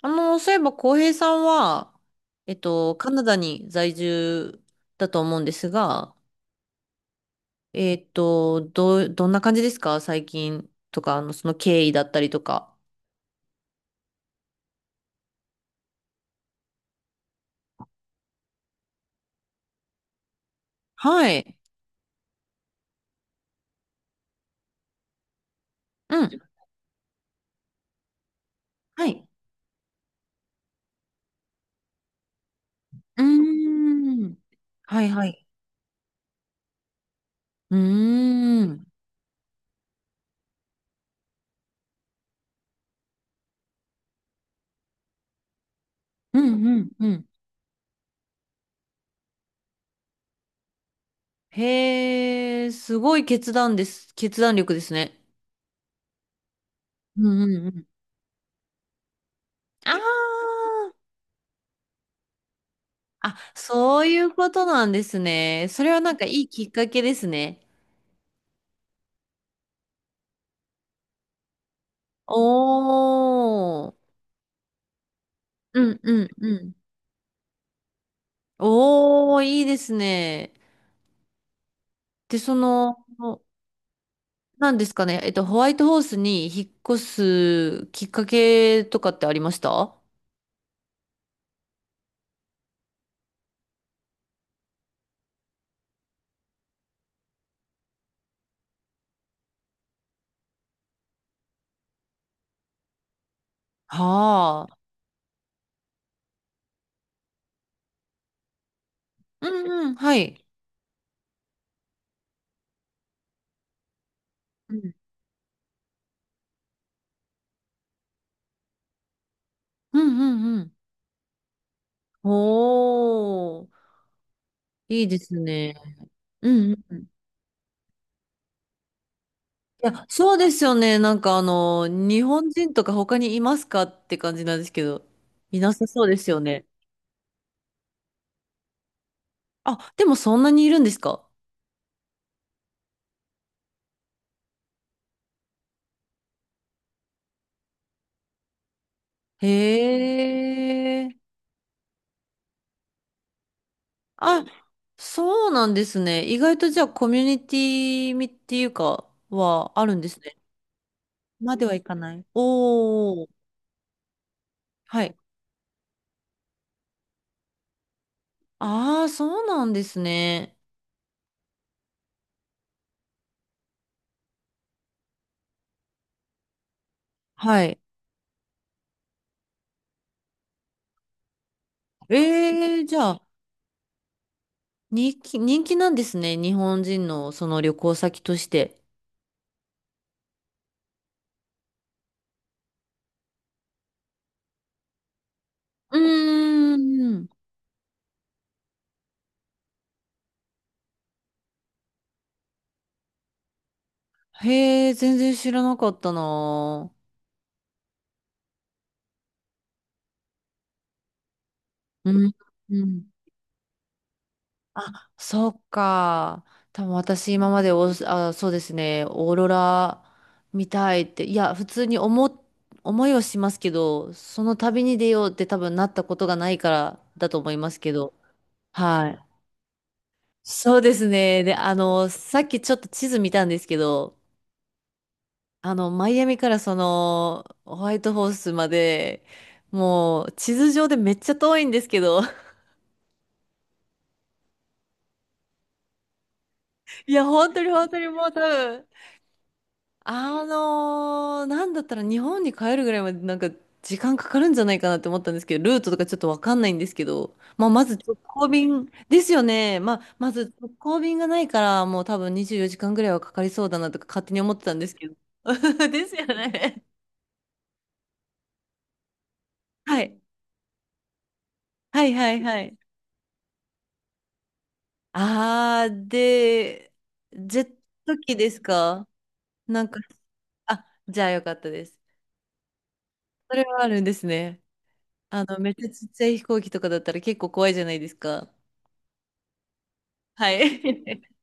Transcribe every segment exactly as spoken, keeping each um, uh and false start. あの、そういえば、浩平さんは、えっと、カナダに在住だと思うんですが、えっと、ど、どんな感じですか、最近とか、あの、その経緯だったりとか。はい。うん。はい。うーん。はいはい。うーん。うんうんうん。へえ、すごい決断です。決断力ですね。うんうんうん。ああ、あ、そういうことなんですね。それはなんかいいきっかけですね。おー。うんうんうん。おー、いいですね。で、その、なんですかね、えっと、ホワイトホースに引っ越すきっかけとかってありましたはあ。うんうん、はい。うんうんうんうん。おー、いいですね。うんうんうん。いや、そうですよね。なんかあの、日本人とか他にいますかって感じなんですけど、いなさそうですよね。あ、でもそんなにいるんですか？へえ。あ、そうなんですね。意外とじゃあコミュニティみっていうかはあるんですね。まではいかない。おお。はい。ああ、そうなんですね。はい。ええ、じゃあ、人気、人気なんですね。日本人のその旅行先として。うーん。へえ、全然知らなかったな。うん。うん。そっか。多分私今までオースあ、そうですね、オーロラ見たいって、いや、普通に思っ、思いはしますけど、その旅に出ようって多分なったことがないからだと思いますけど。はい。そうですね。で、あの、さっきちょっと地図見たんですけど、あの、マイアミからその、ホワイトホースまで、もう地図上でめっちゃ遠いんですけど、いや、本当に本当にもう多分、あのー、なんだったら日本に帰るぐらいまでなんか時間かかるんじゃないかなって思ったんですけど、ルートとかちょっとわかんないんですけど、まあ、まず直行便ですよね。まあ、まず直行便がないから、もう多分にじゅうよじかんぐらいはかかりそうだなとか勝手に思ってたんですけど。ですよね。はい。はいはいはい。あー、で、ジェット機ですか？なんか、あ、じゃあよかったです。それはあるんですね。あの、めっちゃちっちゃい飛行機とかだったら結構怖いじゃないですか。はい。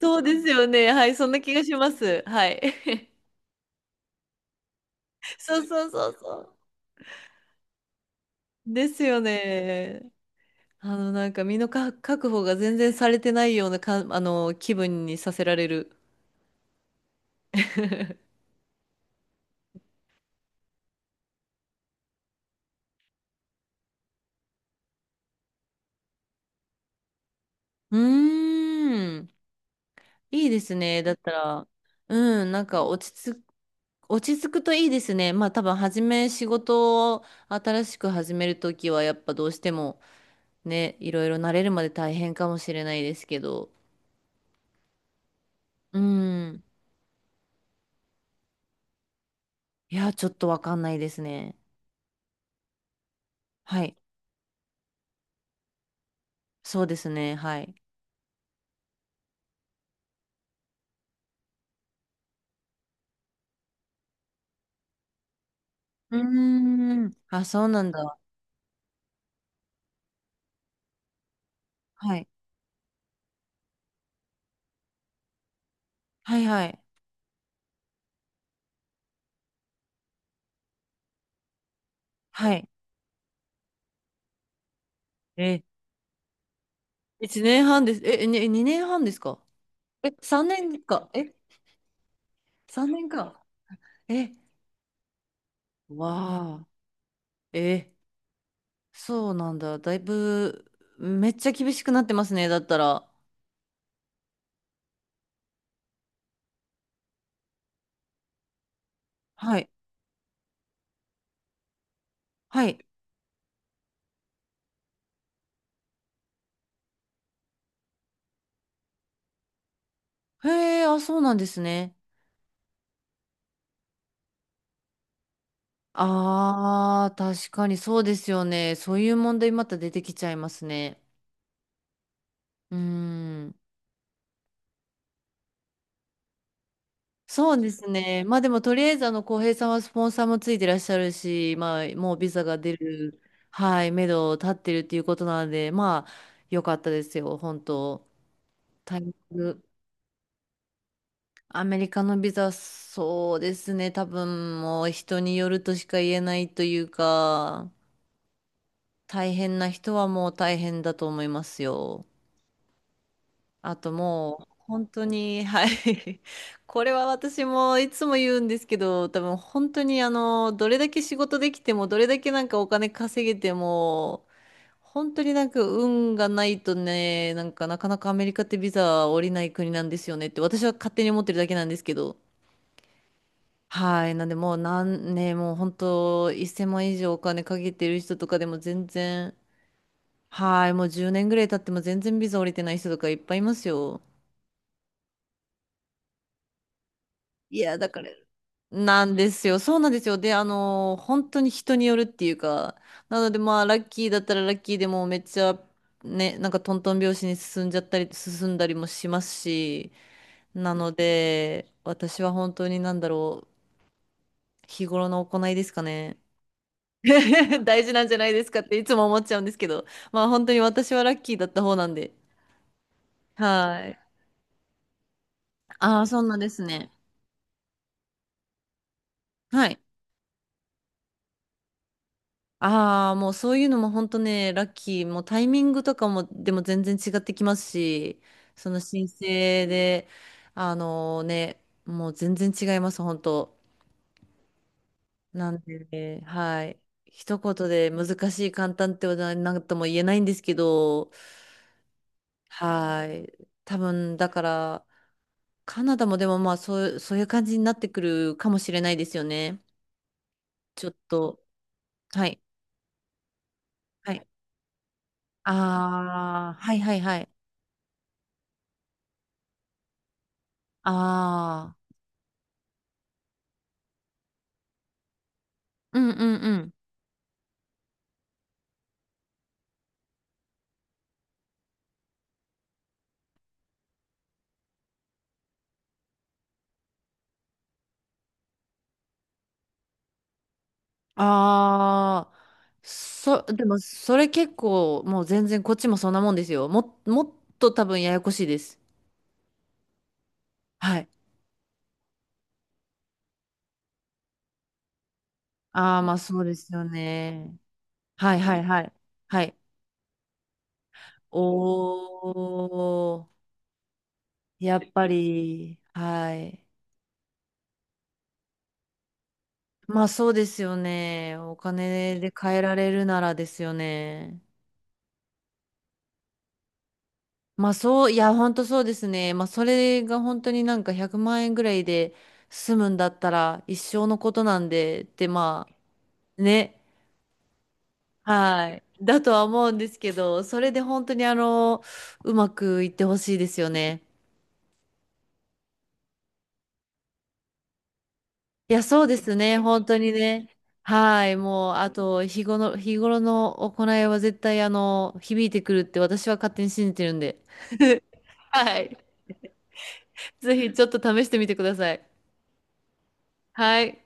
そうですよね。はい。そんな気がします。はい。そうそうそうそう。ですよね。あの、なんか身のか確保が全然されてないようなか、あの、気分にさせられる。うーん。いいですね。だったら、うん、なんか落ち着く、落ち着くといいですね。まあ多分、初め仕事を新しく始めるときは、やっぱどうしてもね、いろいろ慣れるまで大変かもしれないですけど。うん。いや、ちょっとわかんないですね。はい。そうですね。はい。うーん。あ、そうなんだ。はい。はいはい。はい。え、いちねんはんです。え、ににねんはんですか？え、さんねんか。え、さんねんか。え、わあ。え、そうなんだ。だいぶ、めっちゃ厳しくなってますね。だったら。はい。はい。へえ、あ、そうなんですね。ああ、確かにそうですよね。そういう問題また出てきちゃいますね。うーん。そうですね。まあでもとりあえずあの浩平さんはスポンサーもついてらっしゃるし、まあもうビザが出る、はい、目処立ってるっていうことなので、まあ良かったですよ、本当。タイミング、アメリカのビザ、そうですね、多分もう人によるとしか言えないというか、大変な人はもう大変だと思いますよ。あともう本当に、はい。これは私もいつも言うんですけど、多分本当にあの、どれだけ仕事できても、どれだけなんかお金稼げても、本当になんか運がないとね、なんかなかなかアメリカってビザは下りない国なんですよねって私は勝手に思ってるだけなんですけど。はい。なんでもう何ね、もう本当せんまん以上お金かけてる人とかでも全然、はい。もうじゅうねんぐらい経っても全然ビザ下りてない人とかいっぱいいますよ。いや、だから、なんですよ。そうなんですよ。で、あの本当に人によるっていうか、なのでまあ、ラッキーだったらラッキーでもうめっちゃ、ね、なんかトントン拍子に進んじゃったり、進んだりもしますし、なので、私は本当になんだろう、日頃の行いですかね。大事なんじゃないですかっていつも思っちゃうんですけど、まあ本当に私はラッキーだった方なんで。はい。ああ、そんなですね。はい。ああ、もうそういうのも本当ね、ラッキー、もうタイミングとかもでも全然違ってきますし、その申請で、あのね、もう全然違います、本当。なんでね、はい。一言で難しい、簡単ってことは何とも言えないんですけど、はい。多分、だから、カナダもでもまあそう、そういう感じになってくるかもしれないですよね。ちょっと、はい。はい。ああ、はいはいはい。ああ。うんうんうん。ああ、そ、でもそれ結構もう全然こっちもそんなもんですよ。も、もっと多分ややこしいです。はい。ああ、まあそうですよね。はいはいはい。はい。おー、やっぱり、はい。まあそうですよね。お金で変えられるならですよね。まあそう、いや、本当そうですね。まあそれが本当になんかひゃくまん円ぐらいで済むんだったら一生のことなんでって、まあね、はい。だとは思うんですけど、それで本当にあの、うまくいってほしいですよね。いや、そうですね。本当にね。はい。もう、あと、日頃の、日頃の行いは絶対あの、響いてくるって私は勝手に信じてるんで。はい。ぜひちょっと試してみてください。はい。